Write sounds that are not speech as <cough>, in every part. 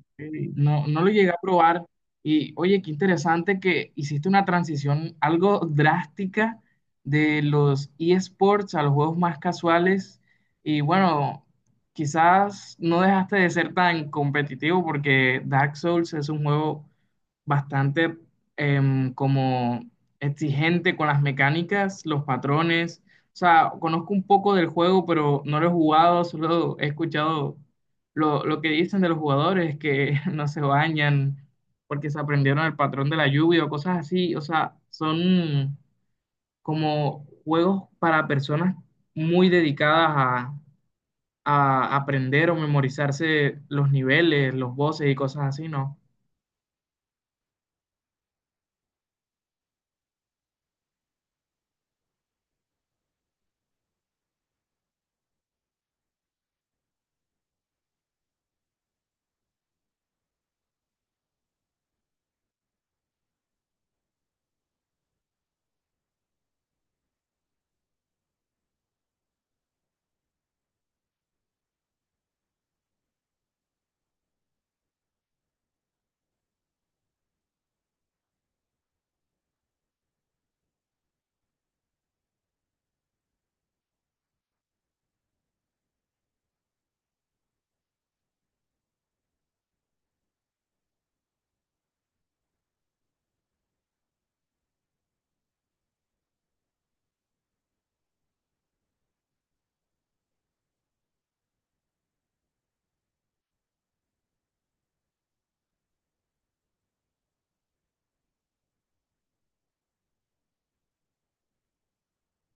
Ok, no, no lo llegué a probar. Y oye, qué interesante que hiciste una transición algo drástica de los eSports a los juegos más casuales. Y bueno, quizás no dejaste de ser tan competitivo porque Dark Souls es un juego bastante como exigente con las mecánicas, los patrones. O sea, conozco un poco del juego, pero no lo he jugado, solo he escuchado lo que dicen de los jugadores, que <laughs> no se bañan porque se aprendieron el patrón de la lluvia o cosas así. O sea, son como juegos para personas muy dedicadas a, a aprender o memorizarse los niveles, los voces y cosas así, ¿no?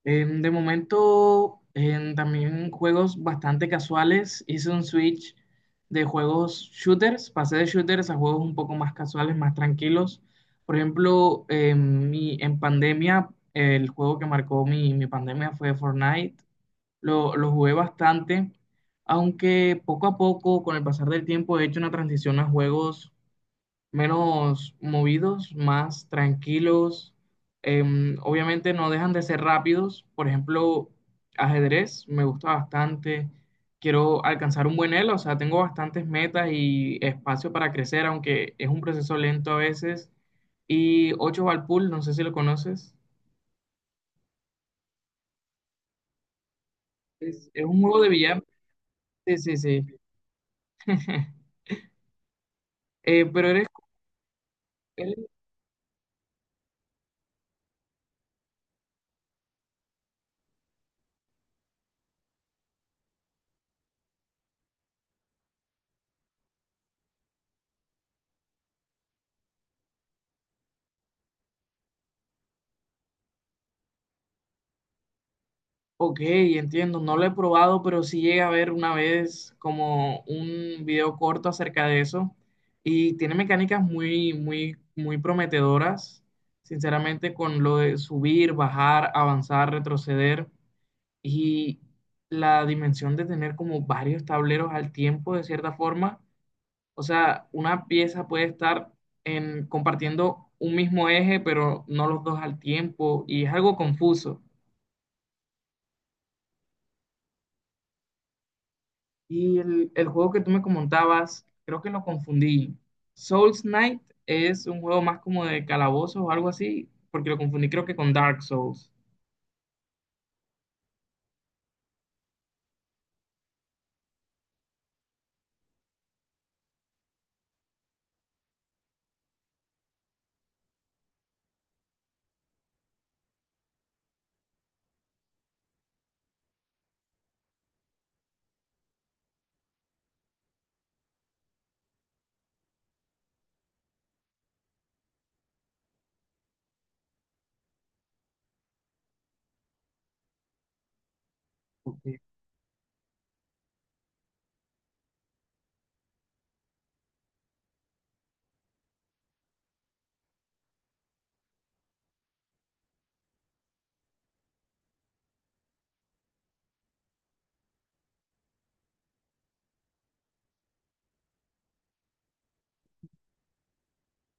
De momento, también juegos bastante casuales. Hice un switch de juegos shooters, pasé de shooters a juegos un poco más casuales, más tranquilos. Por ejemplo, en pandemia, el juego que marcó mi pandemia fue Fortnite. Lo jugué bastante, aunque poco a poco, con el pasar del tiempo, he hecho una transición a juegos menos movidos, más tranquilos. Obviamente no dejan de ser rápidos. Por ejemplo, ajedrez me gusta bastante. Quiero alcanzar un buen elo, o sea, tengo bastantes metas y espacio para crecer, aunque es un proceso lento a veces. Y 8 Ball Pool, no sé si lo conoces. Es un juego de billar. Sí, sí, sí. <laughs> Pero eres Ok, entiendo, no lo he probado, pero sí llegué a ver una vez como un video corto acerca de eso y tiene mecánicas muy, muy, muy prometedoras, sinceramente, con lo de subir, bajar, avanzar, retroceder y la dimensión de tener como varios tableros al tiempo, de cierta forma. O sea, una pieza puede estar en, compartiendo un mismo eje, pero no los dos al tiempo y es algo confuso. Y el juego que tú me comentabas, creo que lo confundí. Souls Knight es un juego más como de calabozos o algo así, porque lo confundí creo que con Dark Souls. Ok.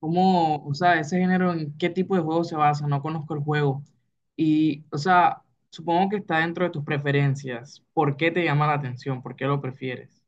¿Cómo, o sea, ese género en qué tipo de juego se basa? No conozco el juego. Y, o sea, supongo que está dentro de tus preferencias. ¿Por qué te llama la atención? ¿Por qué lo prefieres?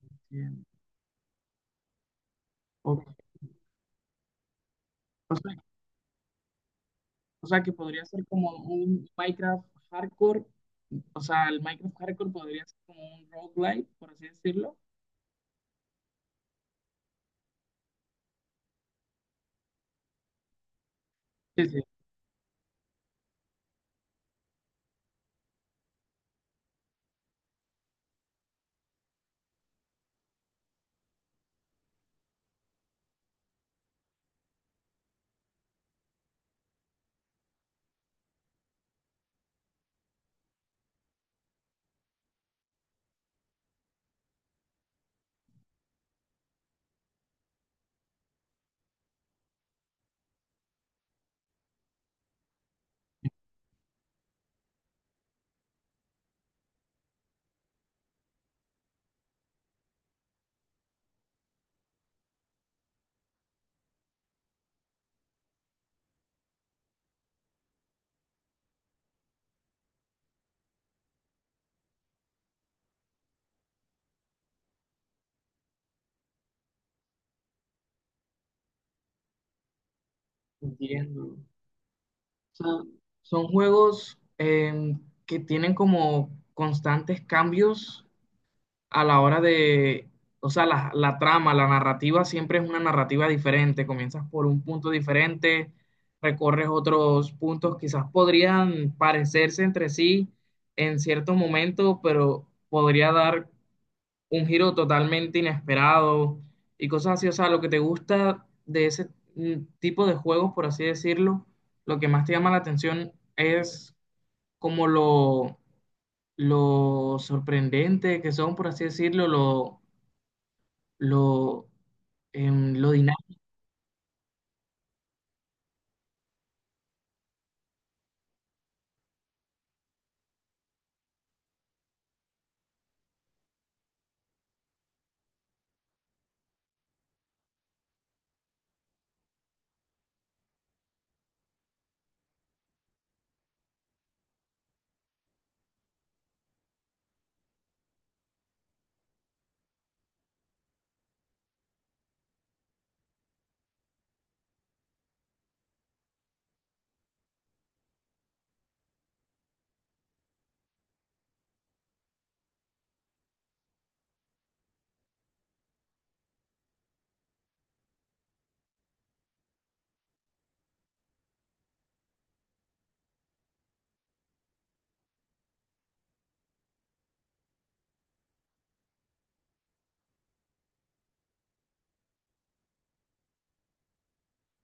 Entiendo. Ok. O sea, que podría ser como un Minecraft hardcore. O sea, el Minecraft hardcore podría ser como un roguelike, por así decirlo. Sí, sí, entiendo. O sea, son juegos que tienen como constantes cambios a la hora de, o sea, la trama, la narrativa siempre es una narrativa diferente. Comienzas por un punto diferente, recorres otros puntos, quizás podrían parecerse entre sí en cierto momento, pero podría dar un giro totalmente inesperado y cosas así. O sea, lo que te gusta de ese tipo de juegos, por así decirlo, lo que más te llama la atención es como lo sorprendente que son, por así decirlo, lo, lo dinámico,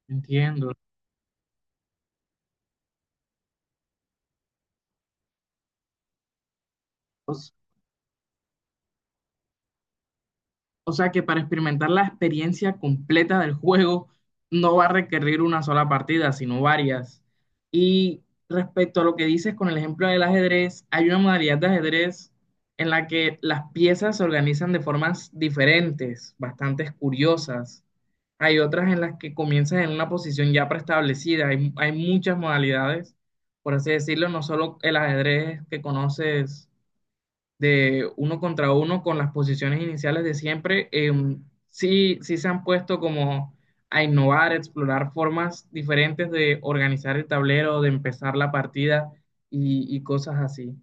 entiendo. O sea que para experimentar la experiencia completa del juego no va a requerir una sola partida, sino varias. Y respecto a lo que dices con el ejemplo del ajedrez, hay una modalidad de ajedrez en la que las piezas se organizan de formas diferentes, bastante curiosas. Hay otras en las que comienzas en una posición ya preestablecida. Hay muchas modalidades, por así decirlo, no solo el ajedrez que conoces de uno contra uno con las posiciones iniciales de siempre, sí, sí se han puesto como a innovar, a explorar formas diferentes de organizar el tablero, de empezar la partida y cosas así.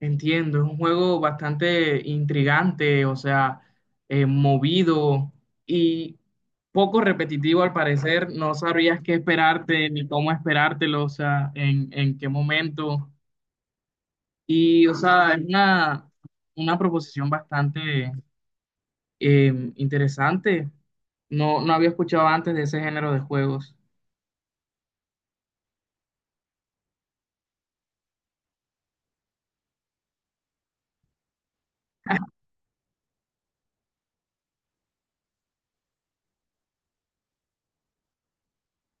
Entiendo, es un juego bastante intrigante, o sea, movido y poco repetitivo al parecer. No sabrías qué esperarte ni cómo esperártelo, o sea, en qué momento. Y, o sea, es una proposición bastante interesante. No, no había escuchado antes de ese género de juegos.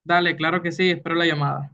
Dale, claro que sí, espero la llamada.